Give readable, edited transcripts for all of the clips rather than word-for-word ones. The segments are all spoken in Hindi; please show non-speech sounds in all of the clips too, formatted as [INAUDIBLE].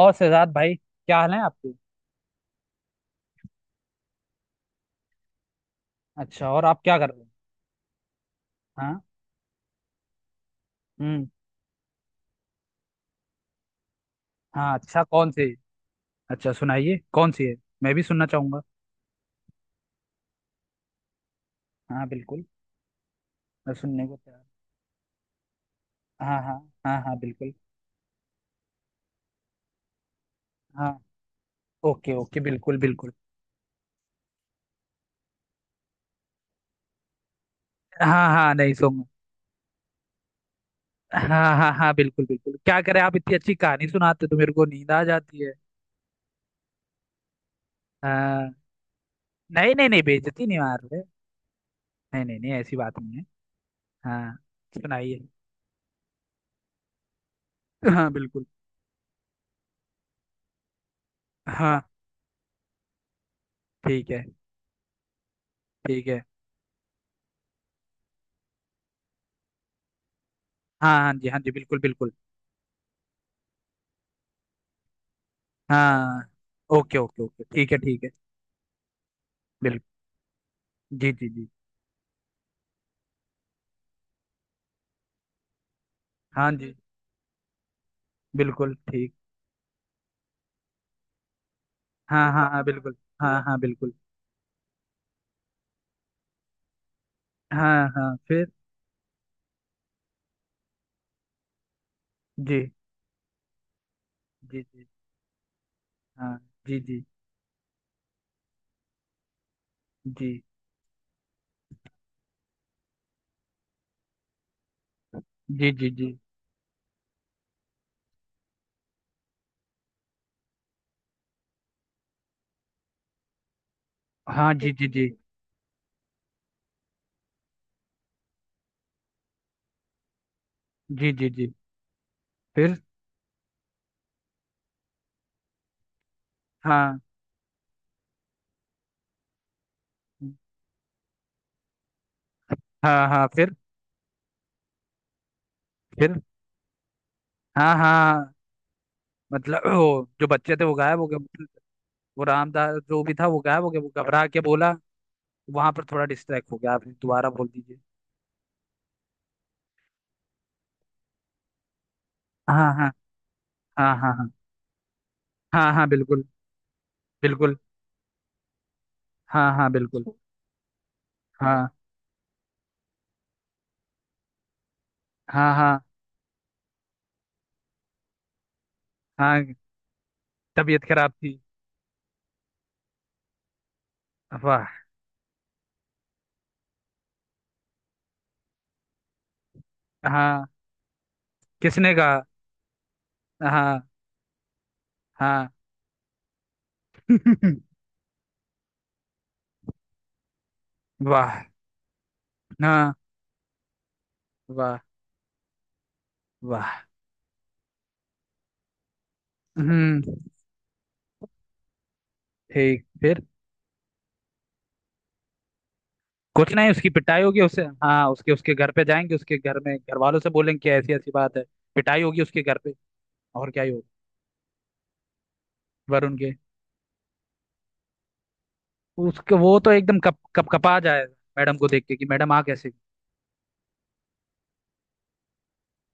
और शहजाद भाई, क्या हाल है आपके। अच्छा, और आप क्या कर रहे हो। हाँ। हम्म। हाँ, अच्छा कौन सी। अच्छा सुनाइए कौन सी है। मैं भी सुनना चाहूंगा। हाँ बिल्कुल। मैं सुनने को तैयार हूं। हाँ हाँ। हाँ हाँ बिल्कुल। हाँ, ओके ओके बिल्कुल बिल्कुल। हाँ हाँ, नहीं सोऊंगा। हाँ हाँ हाँ बिल्कुल बिल्कुल, क्या करें, आप इतनी अच्छी कहानी सुनाते हो तो मेरे को नींद आ जाती है। हाँ। नहीं नहीं नहीं, बेइज्जती नहीं मार रहे। नहीं नहीं नहीं, ऐसी बात नहीं है। हाँ। सुनाइए। हाँ बिल्कुल। हाँ ठीक है ठीक है। हाँ हाँ जी हाँ जी बिल्कुल बिल्कुल। हाँ, ओके ओके ओके ठीक है ठीक है। बिल्कुल। जी जी जी। हाँ जी। बिल्कुल ठीक। हाँ हाँ हाँ बिल्कुल। हाँ हाँ बिल्कुल। हाँ हाँ, फिर। जी जी जी। हाँ। जी जी जी। जी। जी जी हाँ। जी जी जी। जी जी जी। फिर। हाँ हाँ। हाँ, फिर। फिर। हाँ हाँ, मतलब वो जो बच्चे थे वो गायब हो गए। वो रामदास जो भी था वो गायब हो गया, वो घबरा के बोला। वहां पर थोड़ा डिस्ट्रैक्ट हो गया, आप दोबारा बोल दीजिए। हाँ हाँ। हाँ हाँ। हाँ हाँ हाँ बिल्कुल। बिल्कुल। हाँ हाँ बिल्कुल। हाँ हाँ। हाँ। हाँ तबीयत खराब थी। वाह। हाँ। किसने कहा। हाँ। हाँ। [LAUGHS] वाह। हाँ। वाह। वाह। हम्म। ठीक, फिर। कुछ नहीं, उसकी पिटाई होगी उसे, हाँ, उसके उसके घर पे जाएंगे, उसके घर में घर वालों से बोलेंगे कि ऐसी ऐसी बात है। पिटाई होगी उसके घर पे। और क्या ही होगा। वरुण के। उसके, वो तो एकदम कप कप कपा जाएगा मैडम को देख के, कि मैडम आ कैसे।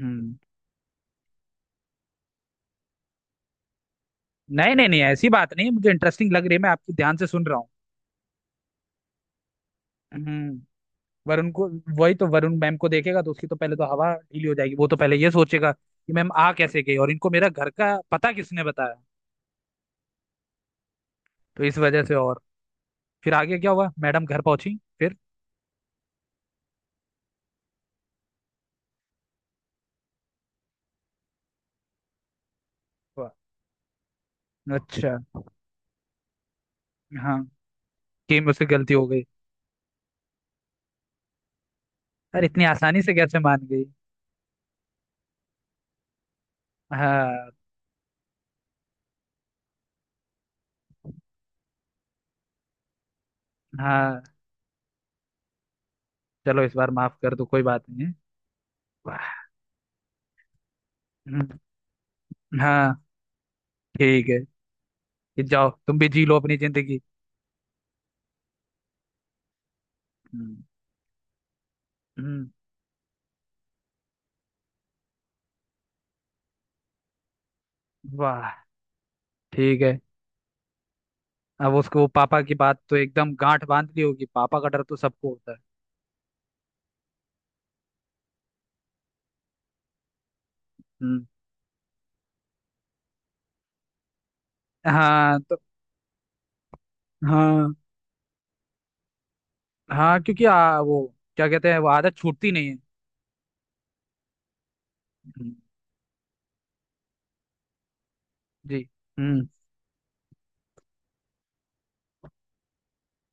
हम्म। नहीं नहीं नहीं, ऐसी बात नहीं, मुझे इंटरेस्टिंग लग रही है, मैं आपकी ध्यान से सुन रहा हूँ। हम्म। वरुण को। वही तो, वरुण मैम को देखेगा तो उसकी तो पहले तो हवा ढीली हो जाएगी, वो तो पहले ये सोचेगा कि मैम आ कैसे गई और इनको मेरा घर का पता किसने बताया। तो इस वजह से और, फिर आगे क्या हुआ मैडम घर पहुंची फिर। हुआ। अच्छा। हाँ, कि मुझसे गलती हो गई। अरे इतनी आसानी से कैसे मान गई। हाँ। हाँ, चलो इस बार माफ कर दो, कोई बात नहीं है। वाह। हम्म। हाँ ठीक है, ये जाओ तुम भी जी लो अपनी जिंदगी। हम्म। हम्म। वाह। ठीक है। अब उसको पापा की बात तो एकदम गांठ बांध ली होगी, पापा का डर तो सबको होता है। हम्म। हाँ, तो। हाँ हाँ, क्योंकि वो क्या कहते हैं, वो आदत छूटती नहीं है। हम्म। जी। हम्म।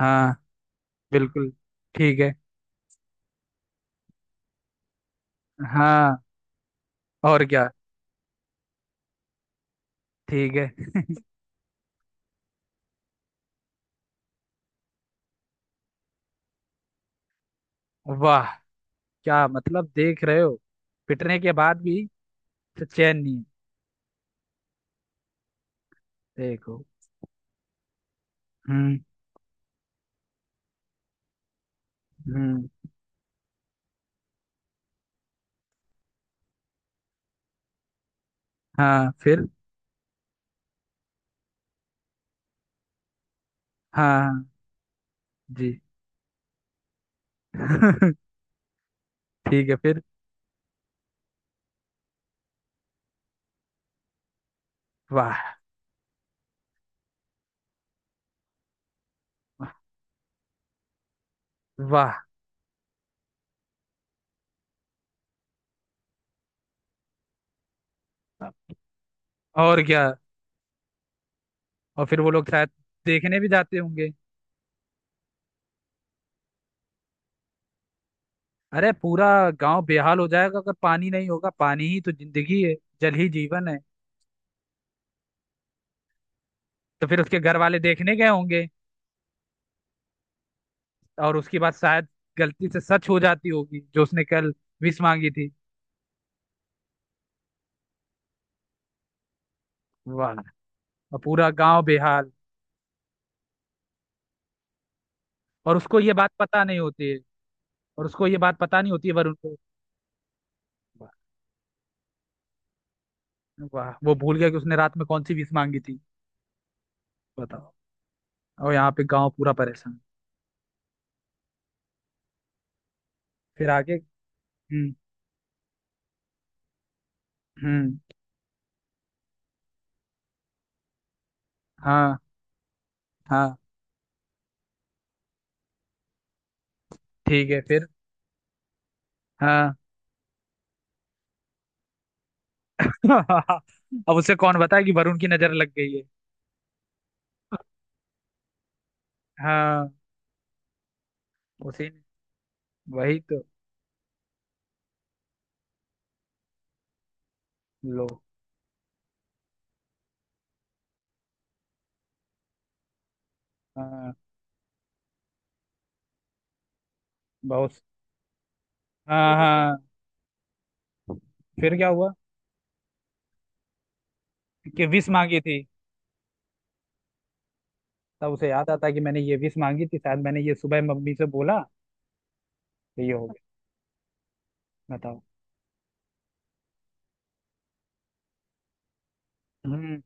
हाँ बिल्कुल। ठीक है। हाँ और क्या। ठीक है। [LAUGHS] वाह, क्या मतलब देख रहे हो, पिटने के बाद भी तो चैन नहीं है। देखो। हम्म। हम्म। हाँ, फिर। हाँ हाँ, जी। [LAUGHS] ठीक है, फिर। वाह। वाह। और क्या, और फिर वो लोग शायद देखने भी जाते होंगे। अरे पूरा गांव बेहाल हो जाएगा अगर पानी नहीं होगा, पानी ही तो जिंदगी है। जल ही जीवन है। तो फिर उसके घर वाले देखने गए होंगे, और उसके बाद शायद गलती से सच हो जाती होगी जो उसने कल विश मांगी थी। वाह। और पूरा गांव बेहाल। और उसको ये बात पता नहीं होती है। और उसको ये बात पता नहीं होती है, पर उनको। वाह। वाह, वो भूल गया कि उसने रात में कौन सी विश मांगी थी। बताओ। और यहाँ पे गांव पूरा परेशान। फिर आगे। हम्म। हम्म। हाँ हाँ। ठीक है, फिर। हाँ। [LAUGHS] अब उसे कौन बताए कि वरुण की नजर लग गई है। हाँ। उसी ने। वही तो। लो। हाँ। बहुत। हाँ हाँ, फिर क्या हुआ। कि विश मांगी थी। तब उसे याद आता कि मैंने ये विश मांगी थी, शायद मैंने ये सुबह मम्मी से बोला तो ये हो गया। बताओ। हम्म।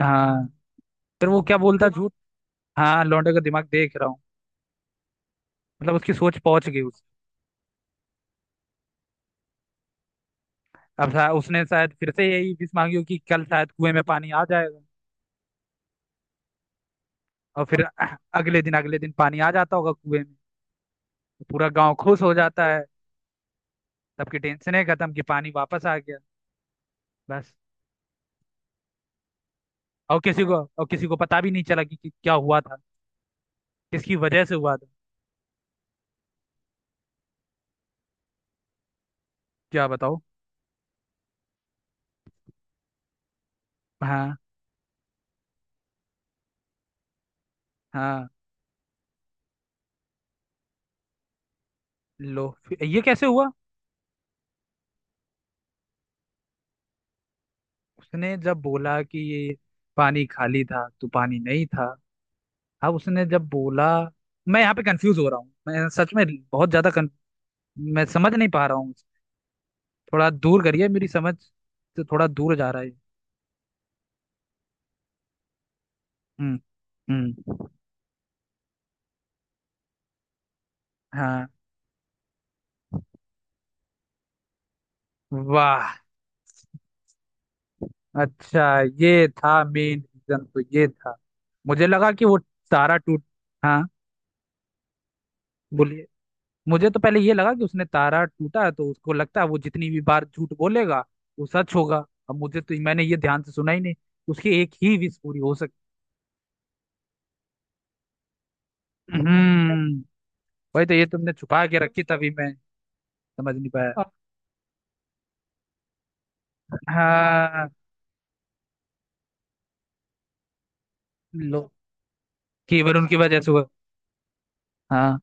हाँ, फिर वो क्या बोलता झूठ। हाँ, लौंडे का दिमाग देख रहा हूँ। मतलब उसकी सोच पहुंच गई उस। उसने शायद फिर से यही विश मांगी हो कि कल शायद कुएं में पानी आ जाएगा। और फिर अगले दिन पानी आ जाता होगा कुएं में, तो पूरा गांव खुश हो जाता है। सबकी टेंशन है खत्म, कि पानी वापस आ गया। बस। और किसी को, और किसी को पता भी नहीं चला कि क्या हुआ था। किसकी वजह से हुआ था। क्या बताओ। हाँ। हाँ। लो, फिर ये कैसे हुआ। उसने जब बोला कि ये पानी खाली था, तो पानी नहीं था। अब उसने जब बोला, मैं यहाँ पे कंफ्यूज हो रहा हूँ, मैं सच में बहुत ज्यादा कन... मैं समझ नहीं पा रहा हूँ। थोड़ा दूर करिए, मेरी समझ से थोड़ा दूर जा रहा है। हम्म। हम्म। हाँ। वाह। अच्छा, ये था मेन रीजन, तो ये था। मुझे लगा कि वो तारा टूट। हाँ। बोलिए। मुझे तो पहले ये लगा कि उसने तारा टूटा है, तो उसको लगता है वो जितनी भी बार झूठ बोलेगा वो सच होगा। अब मुझे तो, मैंने ये ध्यान से सुना ही नहीं, उसकी एक ही विश पूरी हो सकती। हम्म। वही तो, ये तुमने छुपा के रखी तभी मैं समझ नहीं पाया। हाँ। लो। केवल उनकी वजह से हुआ। हाँ,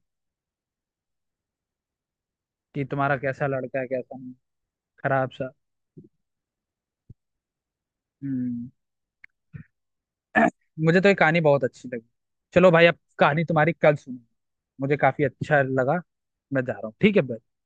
कि तुम्हारा कैसा लड़का है, कैसा नहीं, खराब सा। हम्म। मुझे तो ये कहानी बहुत अच्छी लगी। चलो भाई, अब कहानी तुम्हारी कल सुनो। मुझे काफी अच्छा लगा। मैं जा रहा हूँ, ठीक है भाई।